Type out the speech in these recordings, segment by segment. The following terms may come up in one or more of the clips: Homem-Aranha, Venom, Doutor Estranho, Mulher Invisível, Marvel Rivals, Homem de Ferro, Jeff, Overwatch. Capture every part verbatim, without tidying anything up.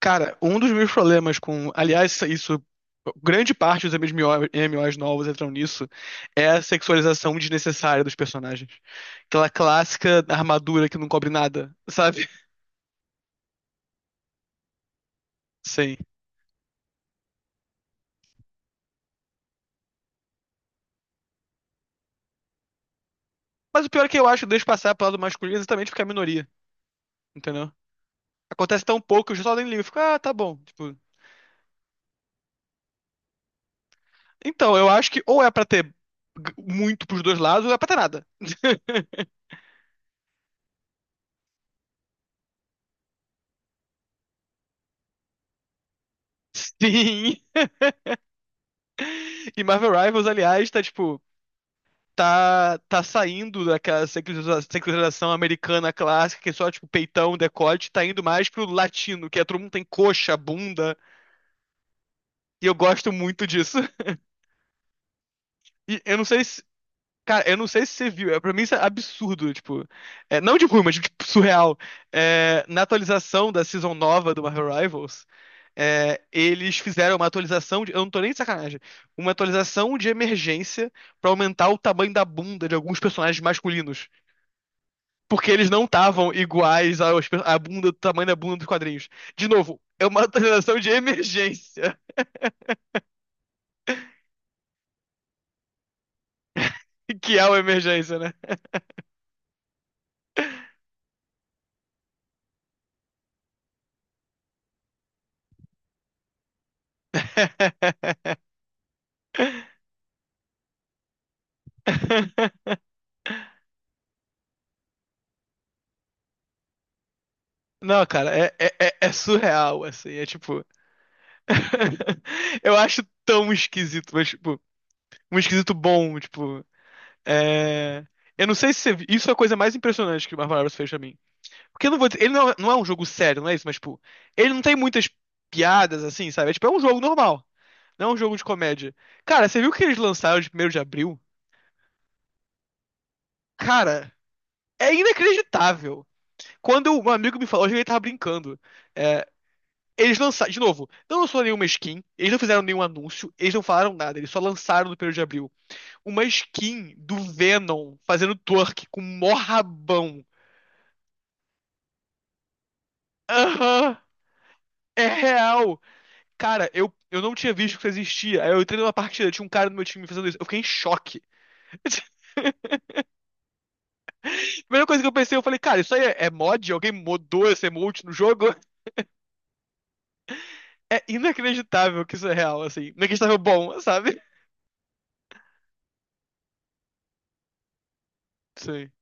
Cara, um dos meus problemas com. Aliás, isso. Grande parte dos M M O M M Os novos entram nisso. É a sexualização desnecessária dos personagens. Aquela clássica armadura que não cobre nada, sabe? Sim. Mas o pior é que eu acho que deixa passar pro lado masculino exatamente porque é a minoria, entendeu? Acontece tão pouco que eu só nem ligo. Eu fico, ah, tá bom. Tipo. Então, eu acho que ou é pra ter g- muito pros dois lados, ou é pra ter nada. Sim. E Marvel Rivals, aliás, tá tipo. tá, tá saindo daquela seculariza- secularização americana clássica, que é só, tipo, peitão, decote, tá indo mais pro latino, que é todo mundo tem coxa, bunda, e eu gosto muito disso. E eu não sei se. Cara, eu não sei se você viu, é, pra mim isso é absurdo, tipo. É, não de ruim, mas tipo, surreal. É, na atualização da season nova do Marvel Rivals, é, eles fizeram uma atualização de. Eu não tô nem de sacanagem. Uma atualização de emergência pra aumentar o tamanho da bunda de alguns personagens masculinos. Porque eles não estavam iguais aos, à bunda, do tamanho da bunda dos quadrinhos. De novo, é uma atualização de emergência. Que é o emergência, né? Não, cara, é, é, é- é surreal, assim. É tipo. Eu acho tão esquisito, mas, tipo, um esquisito bom, tipo. É... Eu não sei se você... Isso é a coisa mais impressionante que o Marvel Rivals fez pra mim. Porque eu não vou dizer... Ele não é, não é um jogo sério, não é isso, mas, tipo, ele não tem muitas piadas, assim, sabe? É, tipo, é um jogo normal. Não é um jogo de comédia. Cara, você viu que eles lançaram de primeiro de abril? Cara, é inacreditável. Quando um amigo me falou, eu achei que ele tava brincando. É, eles lançaram, de novo, não lançou nenhuma skin, eles não fizeram nenhum anúncio, eles não falaram nada, eles só lançaram no primeiro de abril uma skin do Venom fazendo twerk com mó rabão. Aham, é real. Cara, eu, eu não tinha visto que isso existia. Aí eu entrei numa partida, tinha um cara no meu time fazendo isso. Eu fiquei em choque. A primeira coisa que eu pensei, eu falei, cara, isso aí é é mod? Alguém modou esse emote no jogo? É inacreditável que isso é real, assim. Inacreditável bom, sabe? Sim.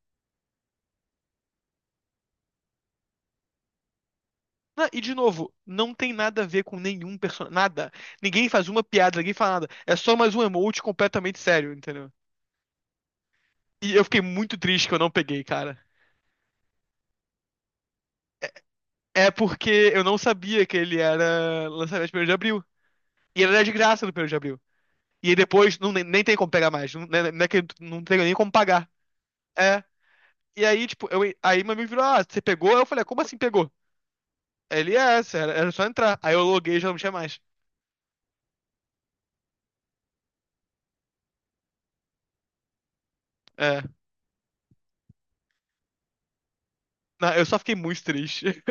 Não, e de novo, não tem nada a ver com nenhum personagem. Nada. Ninguém faz uma piada, ninguém fala nada. É só mais um emote completamente sério, entendeu? E eu fiquei muito triste que eu não peguei, cara. É porque eu não sabia que ele era lançamento de primeiro de abril. E ele era de graça no primeiro de abril. E aí depois não, nem, nem tem como pegar mais. Não, né, né, que não tem nem como pagar. É. E aí, tipo, eu, aí meu amigo virou, ah, você pegou? Eu falei, "Ah, como assim pegou? Aí Ele, é, essa, era, era só entrar. Aí eu loguei e já não tinha mais. É. Não, eu só fiquei muito triste.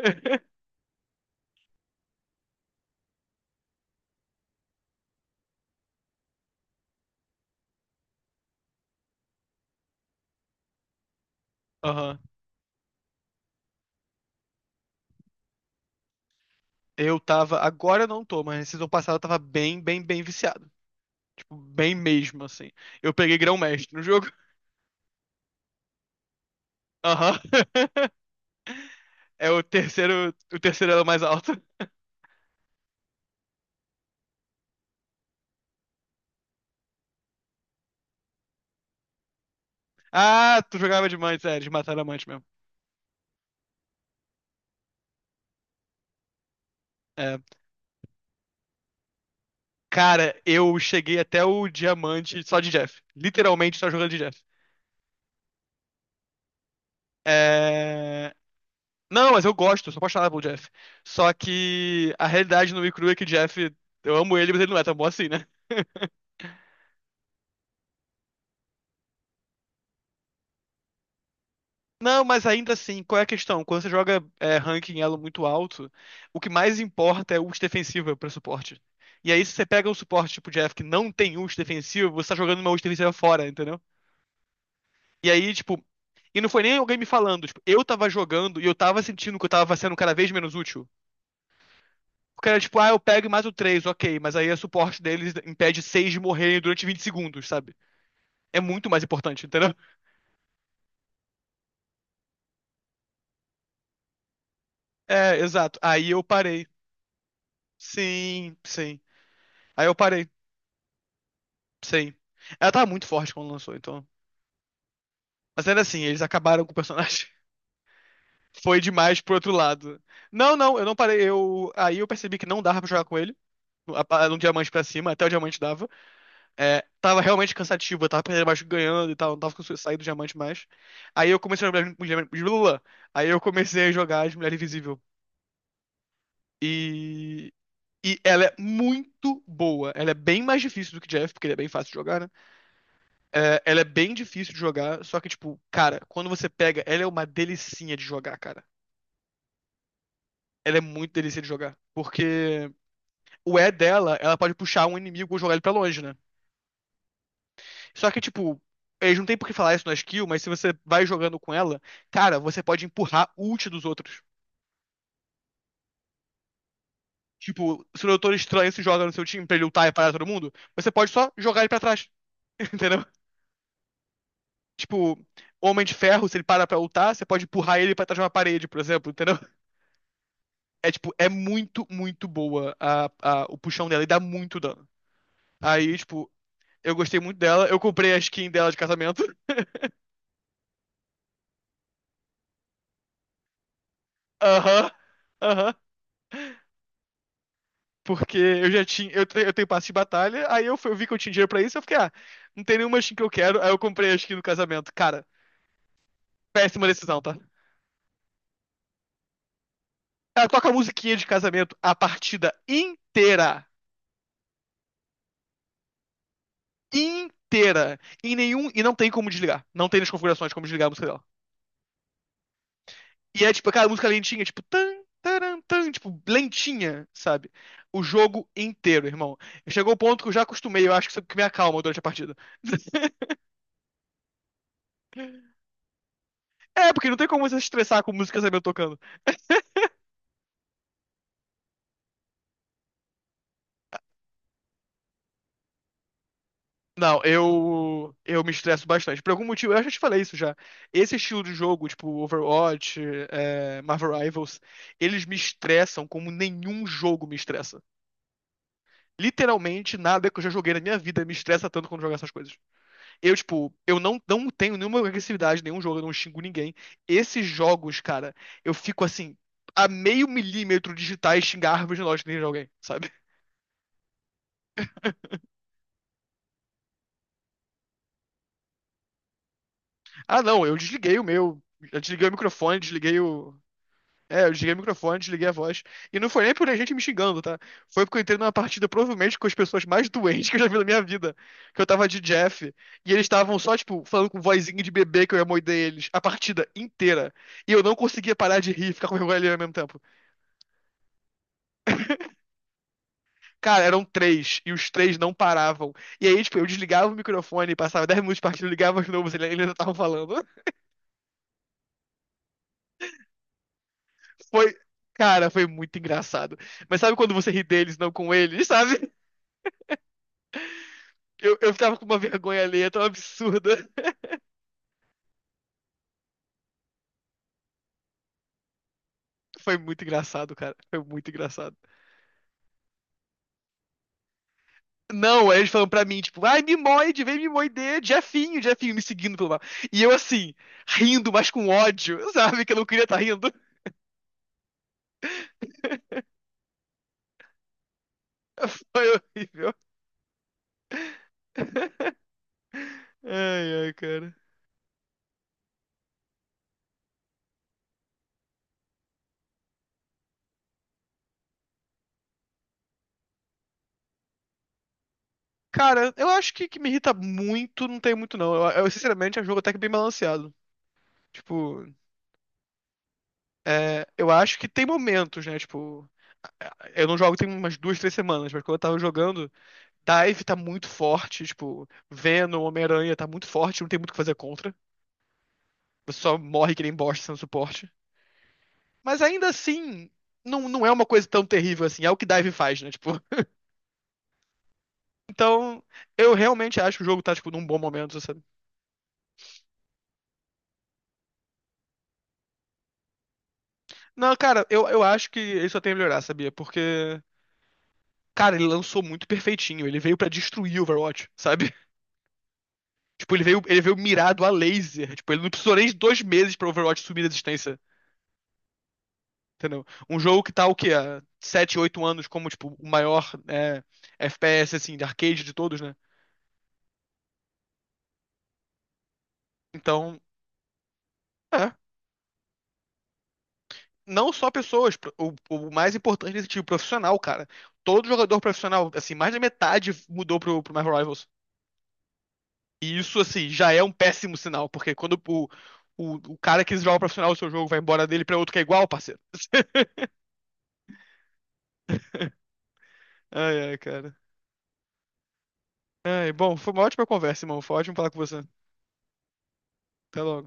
Aham. Eu tava, agora eu não tô, mas na season passada eu tava bem, bem, bem viciado. Tipo, bem mesmo, assim. Eu peguei grão-mestre no jogo. Aham. É o terceiro, o terceiro elo mais alto. Ah, tu jogava de diamante, é, eles mataram diamante mesmo. É. Cara, eu cheguei até o diamante só de Jeff. Literalmente só jogando de Jeff. É... Não, mas eu gosto, sou apaixonado pelo Jeff. Só que a realidade no Crew é que o Jeff, eu amo ele, mas ele não é tão bom assim, né? Não, mas ainda assim, qual é a questão? Quando você joga é, ranking elo muito alto, o que mais importa é ult defensiva pra suporte. E aí, se você pega um suporte tipo Jeff que não tem ult defensivo, você tá jogando uma ult defensiva fora, entendeu? E aí, tipo. E não foi nem alguém me falando, tipo, eu tava jogando e eu tava sentindo que eu tava sendo cada vez menos útil. Porque era tipo, ah, eu pego e mato três, ok, mas aí o suporte deles impede seis de morrer durante vinte segundos, sabe? É muito mais importante, entendeu? É, exato. Aí eu parei. Sim, sim. Aí eu parei. Sim. Ela tava muito forte quando lançou, então. Mas ainda assim, eles acabaram com o personagem. Foi demais pro outro lado. Não, não, eu não parei. Eu... Aí eu percebi que não dava pra jogar com ele. Um diamante pra cima, até o diamante dava. É, tava realmente cansativo, eu tava perdendo, mas ganhando e tal, não tava conseguindo sair do diamante mais. Aí eu comecei a jogar mulher, mulher, aí eu comecei a jogar de Mulher Invisível. E, e ela é muito boa. Ela é bem mais difícil do que Jeff, porque ele é bem fácil de jogar, né? É, ela é bem difícil de jogar, só que, tipo, cara, quando você pega, ela é uma delicinha de jogar, cara. Ela é muito delícia de jogar. Porque o E dela, ela pode puxar um inimigo ou jogar ele pra longe, né? Só que, tipo, eles não tem por que falar isso na skill, mas se você vai jogando com ela, cara, você pode empurrar o ult dos outros. Tipo, se o Doutor Estranho se joga no seu time pra ele lutar e parar todo mundo, você pode só jogar ele pra trás, entendeu? Tipo, Homem de Ferro, se ele para pra lutar, você pode empurrar ele pra trás de uma parede, por exemplo, entendeu? É, tipo, é muito, muito boa a, a- o puxão dela e dá muito dano. Aí, tipo, eu gostei muito dela, eu comprei a skin dela de casamento. Aham, aham. Porque eu já tinha. Eu, te- eu tenho passe de batalha, aí eu, fui- eu vi que eu tinha dinheiro pra isso, eu fiquei, ah, não tem nenhuma skin que eu quero, aí eu comprei a skin no casamento. Cara, péssima decisão, tá? Ela toca a musiquinha de casamento a partida inteira. Inteira. Em nenhum. E não tem como desligar. Não tem nas configurações como desligar a música dela. E é tipo, cara, a música lentinha, tipo, tan, taran, tan, tipo, lentinha, sabe? O jogo inteiro, irmão. Chegou o ponto que eu já acostumei, eu acho que isso é o que me acalma durante a partida. É, porque não tem como você se estressar com música casamento tocando. Não, eu eu me estresso bastante. Por algum motivo, eu já te falei isso já. Esse estilo de jogo, tipo Overwatch, é, Marvel Rivals, eles me estressam como nenhum jogo me estressa. Literalmente, nada que eu já joguei na minha vida me estressa tanto quando jogar essas coisas. Eu, tipo, eu não, não tenho nenhuma agressividade, nenhum jogo, eu não xingo ninguém. Esses jogos, cara, eu fico assim, a meio milímetro de digitar e xingar a árvore de lógica de alguém, sabe? Ah, não, eu desliguei o meu. Eu desliguei o microfone, desliguei o. É, eu desliguei o microfone, desliguei a voz. E não foi nem por a gente me xingando, tá? Foi porque eu entrei numa partida provavelmente com as pessoas mais doentes que eu já vi na minha vida. Que eu tava de Jeff. E eles estavam só, tipo, falando com vozinha de bebê que eu ia morder eles. A partida inteira. E eu não conseguia parar de rir, ficar com vergonha ali ao mesmo tempo. Cara, eram três. E os três não paravam. E aí, tipo, eu desligava o microfone, passava dez minutos de partida, eu ligava de novo, eles eles ainda estavam falando. Foi. Cara, foi muito engraçado. Mas sabe quando você ri deles, não com eles, sabe? Eu, eu tava com uma vergonha alheia tão absurda. Foi muito engraçado, cara. Foi muito engraçado. Não, aí eles falam pra mim, tipo, ai, mimoide, vem mimoide, Jefinho, Jefinho, me seguindo pelo mapa. E eu, assim, rindo, mas com ódio, sabe? Que eu não queria estar rindo. Foi horrível. Ai, ai, cara. Cara, eu acho que que me irrita muito, não tem muito, não. Eu, eu, sinceramente, acho o jogo até que bem balanceado. Tipo, é, eu acho que tem momentos, né? Tipo, é, eu não jogo tem umas duas, três semanas, mas quando eu tava jogando. Dive tá muito forte, tipo, Venom, Homem-Aranha tá muito forte, não tem muito o que fazer contra. Você só morre que nem bosta sendo suporte. Mas ainda assim, não, não é uma coisa tão terrível assim, é o que Dive faz, né? Tipo, então, eu realmente acho que o jogo tá, tipo, num bom momento, sabe? Não, cara, eu, eu acho que ele só tem a melhorar, sabia? Porque, cara, ele lançou muito perfeitinho, ele veio pra destruir o Overwatch, sabe? Tipo, ele veio, ele veio mirado a laser, tipo, ele não precisou nem de dois meses pra Overwatch subir a existência. Entendeu? Um jogo que tá o quê? Há sete, oito anos como, tipo, o maior é, F P S, assim, de arcade de todos, né? Então, é. Não só pessoas, pro- o, o mais importante desse tipo, profissional, cara. Todo jogador profissional, assim, mais da metade mudou pro, pro Marvel Rivals. E isso, assim, já é um péssimo sinal, porque quando o, o, o cara que joga profissional o seu jogo vai embora dele pra outro que é igual, parceiro. Ai, ai, cara. Ai, bom, foi uma ótima conversa, irmão. Foi ótimo falar com você. Até logo.